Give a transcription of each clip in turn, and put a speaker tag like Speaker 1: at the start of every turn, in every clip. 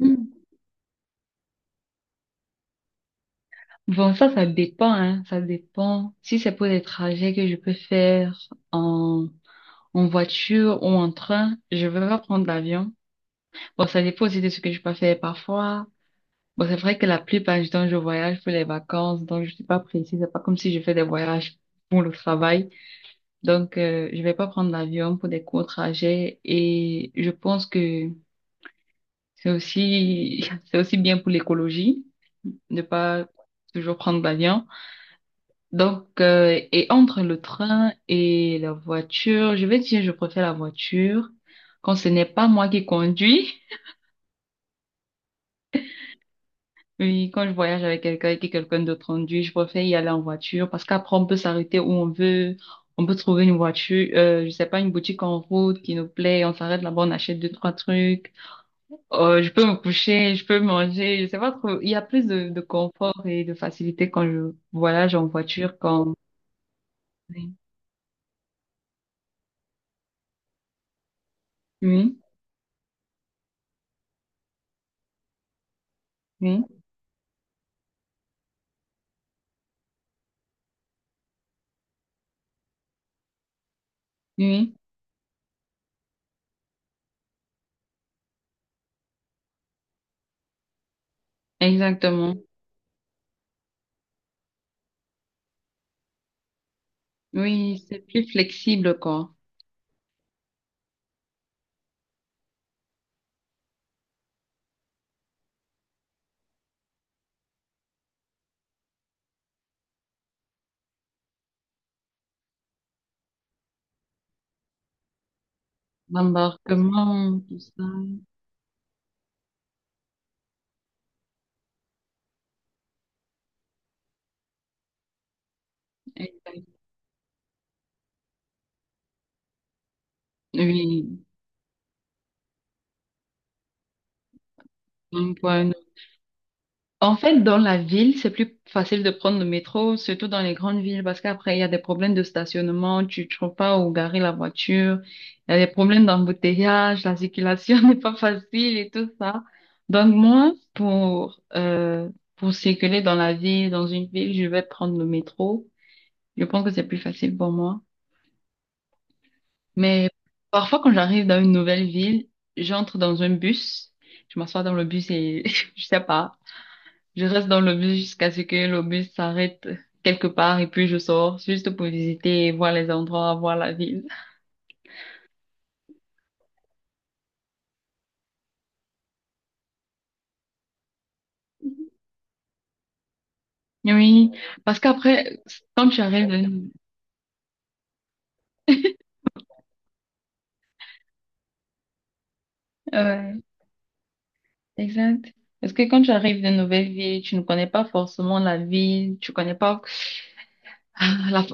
Speaker 1: Mm. Bon, ça dépend, hein, ça dépend. Si c'est pour des trajets que je peux faire en, en voiture ou en train, je vais pas prendre l'avion. Bon, ça dépend aussi de ce que je peux faire parfois. Bon, c'est vrai que la plupart du temps, je voyage pour les vacances, donc je suis pas précise. C'est pas comme si je fais des voyages pour le travail. Donc, je vais pas prendre l'avion pour des courts trajets et je pense que c'est aussi, c'est aussi bien pour l'écologie de pas toujours prendre l'avion. Donc, et entre le train et la voiture, je vais dire, je préfère la voiture quand ce n'est pas moi qui conduis. Oui, quand je voyage avec quelqu'un et que quelqu'un d'autre conduit, je préfère y aller en voiture parce qu'après, on peut s'arrêter où on veut. On peut trouver une voiture, je sais pas, une boutique en route qui nous plaît. On s'arrête là-bas, on achète deux, trois trucs. Je peux me coucher, je peux manger. Je sais pas trop. Il y a plus de confort et de facilité quand je voyage en voiture qu'en... Oui, oui, oui, oui, exactement. Oui, c'est plus flexible, quoi. L'embarquement, tout ça. Exact. Oui. Donc, point. En fait, dans la ville, c'est plus facile de prendre le métro, surtout dans les grandes villes, parce qu'après, il y a des problèmes de stationnement, tu ne trouves pas où garer la voiture, il y a des problèmes d'embouteillage, la circulation n'est pas facile et tout ça. Donc, moi, pour circuler dans la ville, dans une ville, je vais prendre le métro. Je pense que c'est plus facile pour moi. Mais parfois, quand j'arrive dans une nouvelle ville, j'entre dans un bus, je m'assois dans le bus et je sais pas, je reste dans le bus jusqu'à ce que le bus s'arrête quelque part et puis je sors juste pour visiter, et voir les endroits, voir la ville. Oui, parce qu'après, quand tu arrives dans ouais, exact. Parce que quand tu arrives dans une nouvelle ville, tu ne connais pas forcément la ville, tu connais pas Ah, la-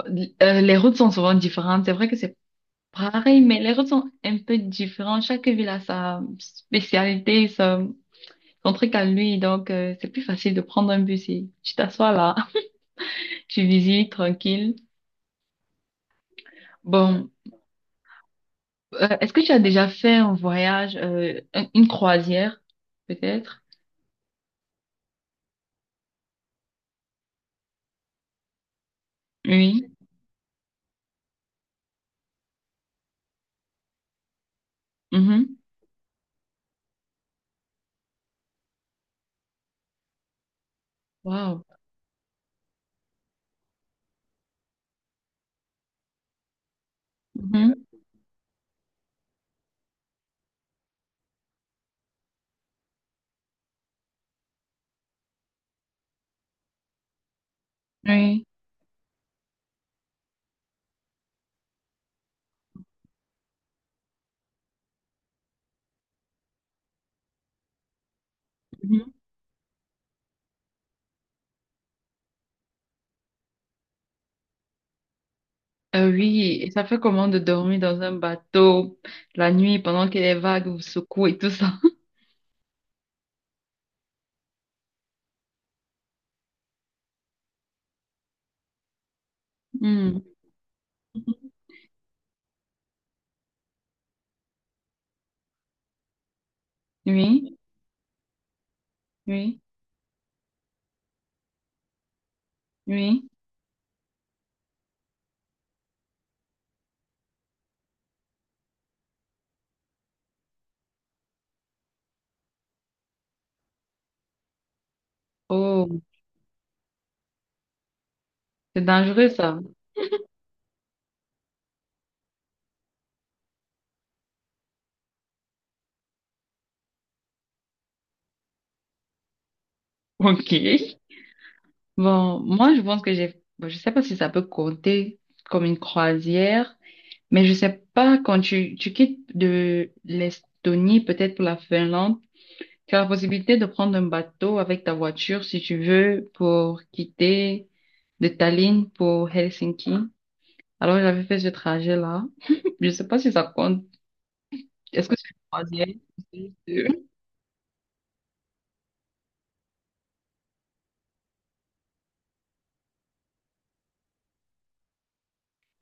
Speaker 1: les routes sont souvent différentes. C'est vrai que c'est pareil, mais les routes sont un peu différentes. Chaque ville a sa spécialité, son, son truc à lui. Donc, c'est plus facile de prendre un bus et tu t'assois là, tu visites tranquille. Bon, est-ce que tu as déjà fait un voyage, une croisière, peut-être? Oui. Mhm. Wow. Mhm. Oui. Mhm. Oui, et ça fait comment de dormir dans un bateau la nuit pendant que les vagues vous secouent et tout ça? Hmm. Oui, oui, oui. Oh. C'est dangereux, ça. Ok. Bon, moi, je pense que j'ai, bon, je sais pas si ça peut compter comme une croisière, mais je sais pas quand tu quittes de l'Estonie, peut-être pour la Finlande, tu as la possibilité de prendre un bateau avec ta voiture, si tu veux, pour quitter de Tallinn pour Helsinki. Alors, j'avais fait ce trajet-là. Je sais pas si ça compte. Est-ce que c'est une croisière?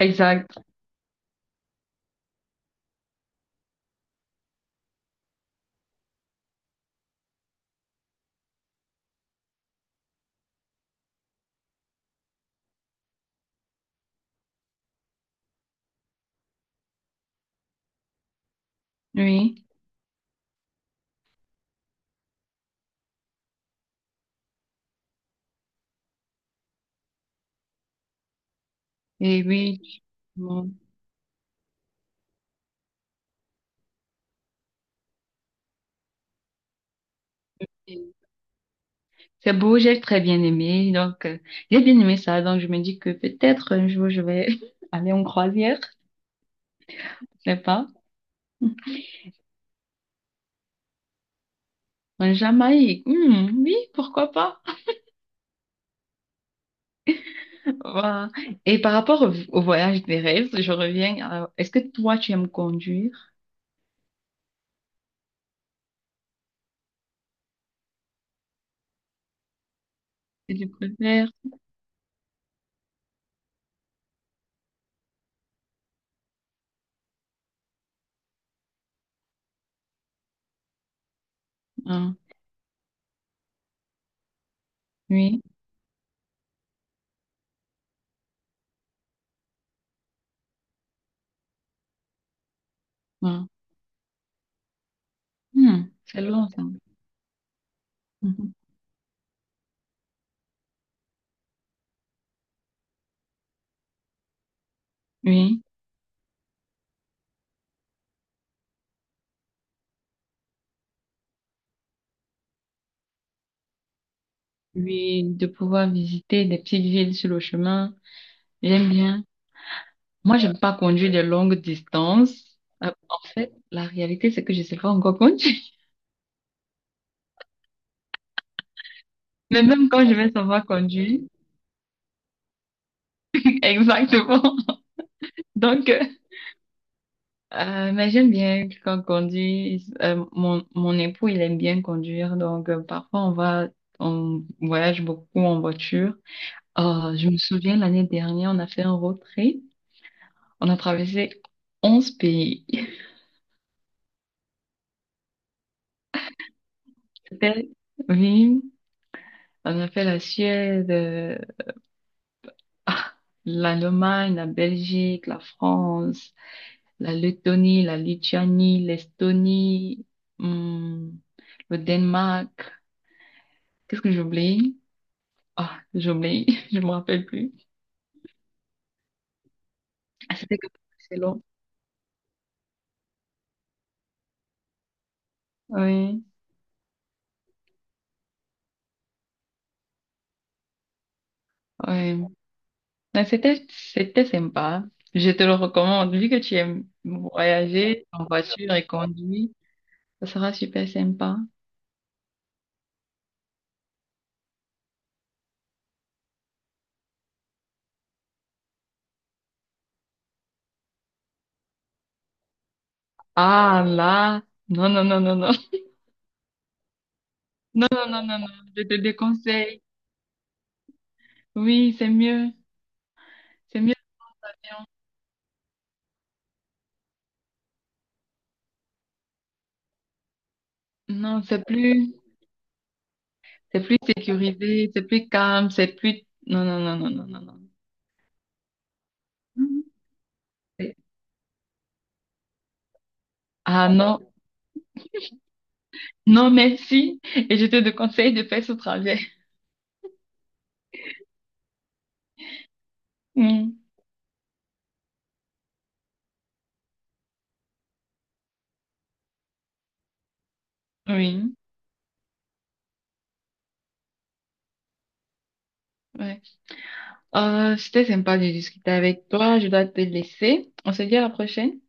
Speaker 1: Exact. Oui. Et oui. Bon. C'est beau, j'ai très bien aimé. Donc, j'ai bien aimé ça. Donc, je me dis que peut-être un jour, je vais aller en croisière. Je sais pas. En Jamaïque. Hmm, oui, pourquoi pas? Voilà. Et par rapport au, au voyage des rêves, je reviens à- Est-ce que toi, tu aimes conduire? Et tu préfères? Ah, oui. Ah. Hmm, c'est long, ça. Mhm. Oui. Oui, de pouvoir visiter des petites villes sur le chemin. J'aime bien. Moi, j'aime pas conduire des longues distances. En fait, la réalité, c'est que je sais pas encore conduire. Mais même quand je vais savoir conduire, exactement. Donc, mais j'aime bien quand conduire. Mon époux, il aime bien conduire. Donc, parfois, on voyage beaucoup en voiture. Je me souviens, l'année dernière, on a fait un road trip. On a traversé 11 pays. C'était, oui, on a fait la Suède, Ah, l'Allemagne, la Belgique, la France, la Lettonie, la Lituanie, l'Estonie, hum, le Danemark. Qu'est-ce que j'oublie? Ah, j'oublie, je me rappelle plus. Ah, c'était que c'est long. Oui, oui. Mais c'était, c'était sympa. Je te le recommande. Vu que tu aimes voyager en voiture et conduire, ça sera super sympa. Ah là, non, non, non, non, non, non, non, non, non, non, je te déconseille. Oui, c'est mieux. C'est mieux. Non, c'est plus sécurisé, c'est plus calme, c'est plus. Non, non, non, non, non, non, non. Mhm. C'est- Ah non, non, merci. Et je te conseille de faire ce trajet. Mm. Oui. Ouais. C'était sympa de discuter avec toi. Je dois te laisser. On se dit à la prochaine.